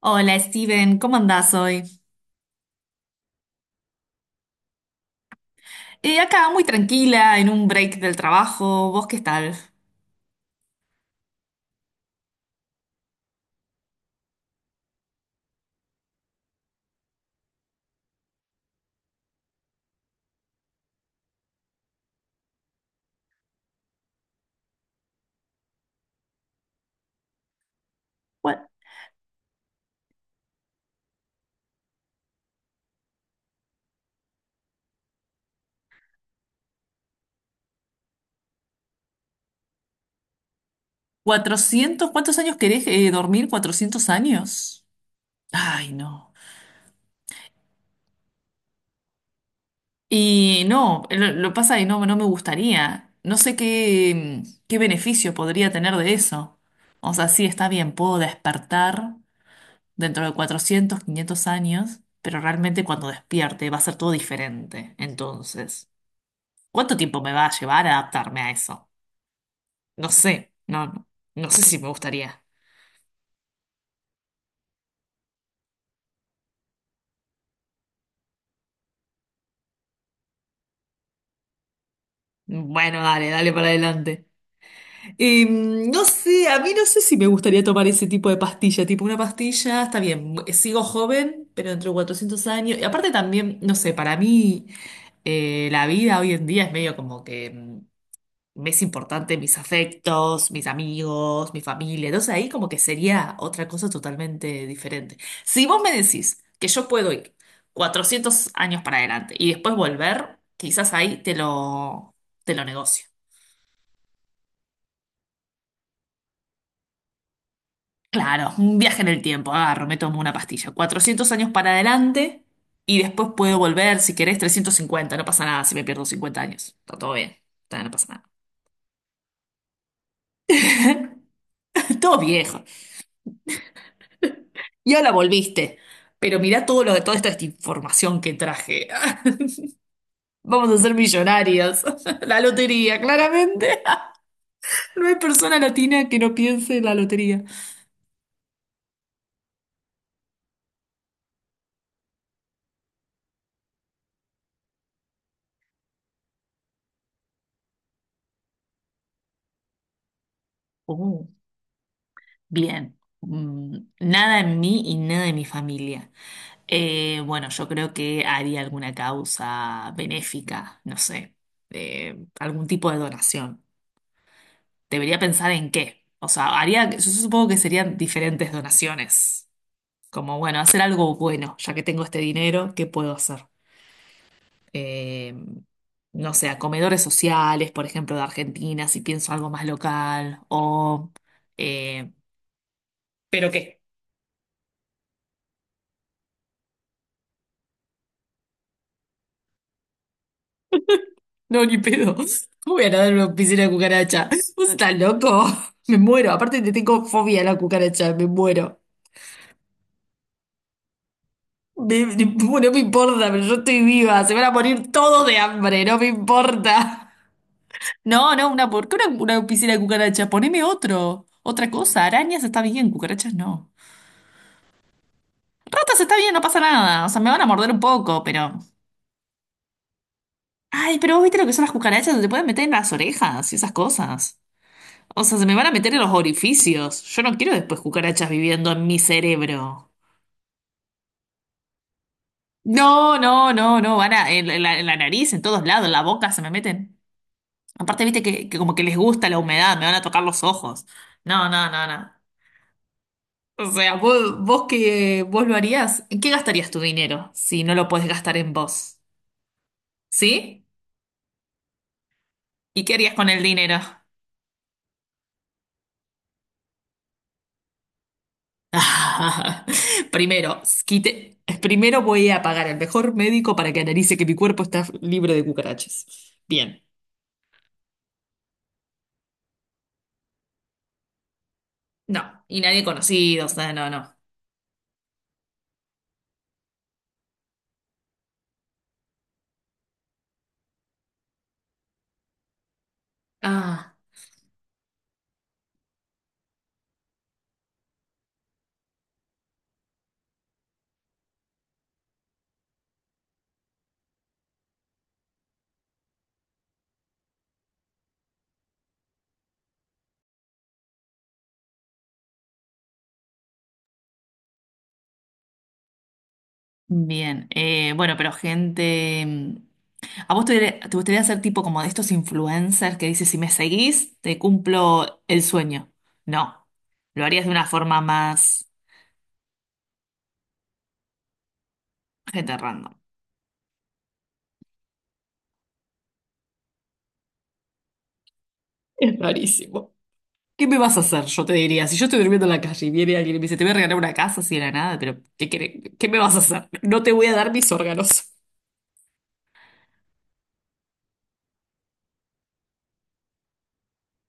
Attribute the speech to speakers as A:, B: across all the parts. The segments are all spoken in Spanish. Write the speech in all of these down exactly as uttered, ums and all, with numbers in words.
A: Hola Steven, ¿cómo andás hoy? Eh, acá muy tranquila, en un break del trabajo. ¿Vos qué tal? Cua- ¿cuatrocientos? ¿Cuántos años querés eh, dormir? ¿Cuatrocientos años? Ay, no. Y no, lo, lo pasa que no, no me gustaría. No sé qué, qué beneficio podría tener de eso. O sea, sí, está bien, puedo despertar dentro de cuatrocientos quinientos años, pero realmente cuando despierte va a ser todo diferente. Entonces, ¿cuánto tiempo me va a llevar a adaptarme a eso? No sé, no, no, no sé si me gustaría. Bueno, dale, dale para adelante. Eh, no sé, a mí no sé si me gustaría tomar ese tipo de pastilla, tipo una pastilla, está bien, mu- sigo joven, pero entre cuatrocientos años, y aparte también, no sé, para mí eh, la vida hoy en día es medio como que... mm, me es importante mis afectos, mis amigos, mi familia. Entonces ahí como que sería otra cosa totalmente diferente. Si vos me decís que yo puedo ir cuatrocientos años para adelante y después volver, quizás ahí te lo, te lo negocio. Claro, un viaje en el tiempo, agarro, me tomo una pastilla. Cuatrocientos años para adelante y después puedo volver, si querés, trescientos cincuenta. No pasa nada si me pierdo cincuenta años. Está todo bien, está- no pasa nada. Todo viejo. Y ahora volviste. Pero mirá todo lo de toda esta esta información que traje. Vamos a ser millonarios. La lotería, claramente. No hay persona latina que no piense en la lotería. Oh, bien. Mm, nada en mí y nada en mi familia. Eh, bueno, yo creo que haría alguna causa benéfica, no sé, eh, algún tipo de donación. Debería pensar en qué. O sea, haría, yo supongo que serían diferentes donaciones. Como, bueno, hacer algo bueno, ya que tengo este dinero, ¿qué puedo hacer? Eh, no sé, a comedores sociales, por ejemplo, de Argentina, si pienso algo más local, o... eh, ¿pero qué? No, ni pedo. ¿Cómo voy a nadar en una piscina de cucaracha? ¿Vos estás loco? Me muero. Aparte, te tengo fobia a la cucaracha, me muero. Me- me- no me importa, pero yo estoy viva. Se van a morir todos de hambre, no me importa. No, no, una, ¿por qué una, una piscina de cucarachas? Poneme otro, otra cosa. Arañas está bien, cucarachas no. Ratas está bien, no pasa nada. O sea, me van a morder un poco, pero. Ay, pero vos viste lo que son las cucarachas, se te pueden meter en las orejas y esas cosas. O sea, se me van a meter en los orificios. Yo no quiero después cucarachas viviendo en mi cerebro. No, no, no, no, van a, en, en la, en la nariz, en todos lados, en la boca se me meten. Aparte, viste que, que como que les gusta la humedad, me van a tocar los ojos. No, no, no, no. O sea, vos, vos que vos lo harías, ¿en qué gastarías tu dinero si no lo puedes gastar en vos? ¿Sí? ¿Y qué harías con el dinero? Primero, quite- primero voy a pagar al mejor médico para que analice que mi cuerpo está libre de cucarachas. Bien. No, y nadie conocido, o sea, no, no. Ah. Bien, eh, bueno, pero gente, mm, ¿a vos te, gustaría te gustaría ser tipo como de estos influencers que dices, si me seguís, te cumplo el sueño? No, lo harías de una forma más gente random. Es rarísimo. ¿Qué me vas a hacer? Yo te diría, si yo estoy durmiendo en la calle y viene alguien y me dice, te voy a regalar una casa así de la nada, pero ¿qué, querés? ¿Qué me vas a hacer? No te voy a dar mis órganos.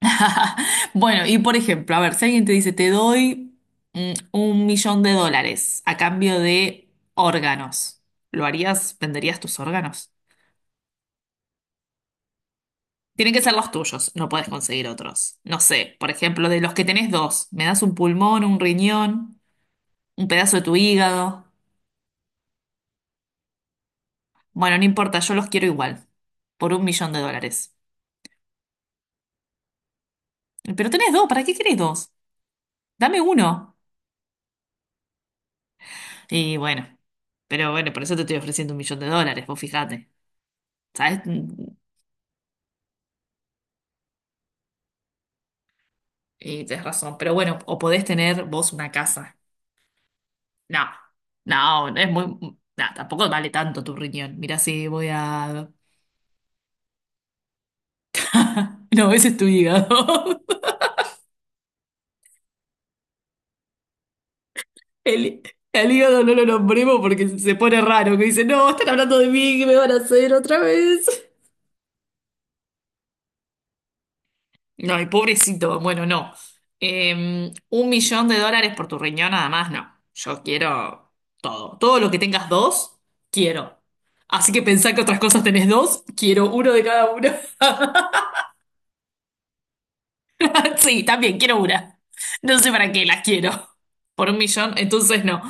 A: Bueno, y por ejemplo, a ver, si alguien te dice, te doy mm, un millón de dólares a cambio de órganos, ¿lo harías? ¿Venderías tus órganos? Tienen que ser los tuyos, no puedes conseguir otros. No sé, por ejemplo, de los que tenés dos, me das un pulmón, un riñón, un pedazo de tu hígado. Bueno, no importa, yo los quiero igual, por un millón de dólares. Pero tenés dos, ¿para qué querés dos? Dame uno. Y bueno, pero bueno, por eso te estoy ofreciendo un millón de dólares, vos fijate. ¿Sabes? Y tenés razón, pero bueno, o podés tener vos una casa. No, no, no es muy... No, tampoco vale tanto tu riñón. Mira, si voy a... No, ese es tu hígado. El, el hígado no lo nombremos porque se pone raro, que dice, no, están hablando de mí, ¿qué me van a hacer otra vez? No, y pobrecito, bueno, no. Eh, un millón de dólares por tu riñón nada más, no. Yo quiero todo. Todo lo que tengas dos, quiero. Así que pensá que otras cosas tenés dos, quiero uno de cada uno. Sí, también quiero una. No sé para qué las quiero. Por un millón, entonces no.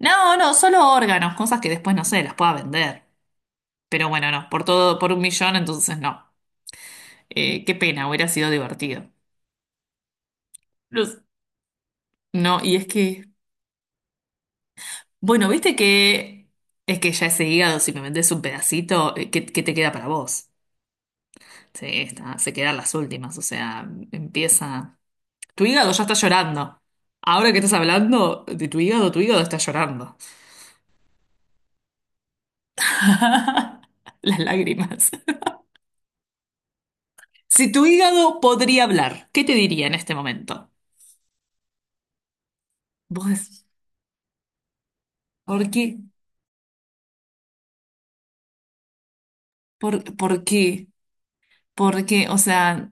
A: No, no, solo órganos, cosas que después no sé, las pueda vender. Pero bueno, no, por todo, por un millón, entonces no. Eh, qué pena, hubiera sido divertido. No, sé. No, y es que, bueno, viste que es que ya ese hígado, si me vendes un pedacito, eh, ¿qué, qué te queda para vos? Sí, está, se quedan las últimas, o sea, empieza. Tu hígado ya está llorando. Ahora que estás hablando de tu hígado, tu hígado está llorando. Las lágrimas. Si tu hígado podría hablar, ¿qué te diría en este momento? Vos decís, ¿por qué? ¿Por, por qué? ¿Por qué? O sea,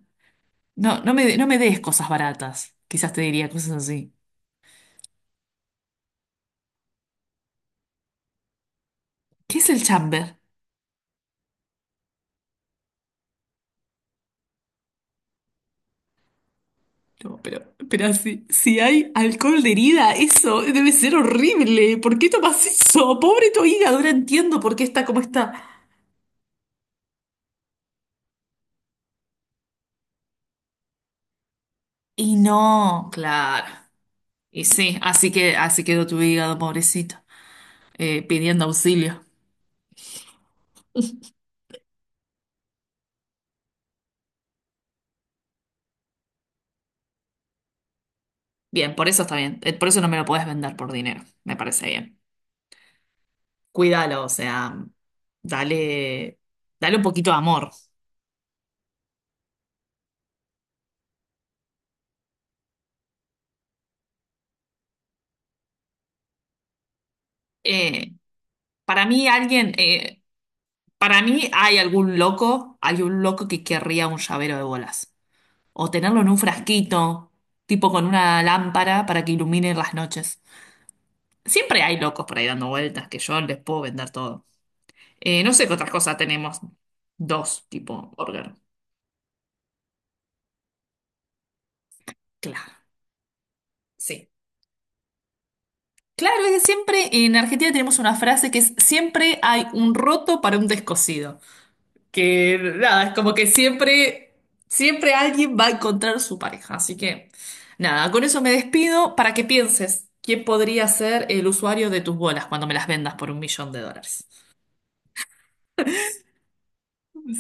A: no, no me, no me des cosas baratas. Quizás te diría cosas así. ¿Qué es el chamber? No, pero, pero si, si hay alcohol de herida, eso debe ser horrible. ¿Por qué tomas eso? Pobre tu hígado, ahora entiendo por qué está como está. Y no, claro. Y sí, así que así quedó tu hígado, pobrecito. Eh, pidiendo auxilio. Bien, por eso está bien. Eh, Por eso no me lo podés vender por dinero. Me parece bien. Cuídalo, o sea, dale, dale un poquito de amor. Eh, para mí alguien, eh, para mí hay algún loco, hay un loco que querría un llavero de bolas. O tenerlo en un frasquito, tipo con una lámpara para que ilumine las noches. Siempre hay locos por ahí dando vueltas que yo les puedo vender todo. Eh, no sé qué otras cosas tenemos. Dos, tipo órgano. Claro. Sí. Claro, es que siempre en Argentina tenemos una frase que es siempre hay un roto para un descosido. Que nada, es como que siempre, siempre alguien va a encontrar su pareja. Así que nada, con eso me despido para que pienses quién podría ser el usuario de tus bolas cuando me las vendas por un millón de dólares.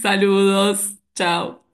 A: Saludos, chao.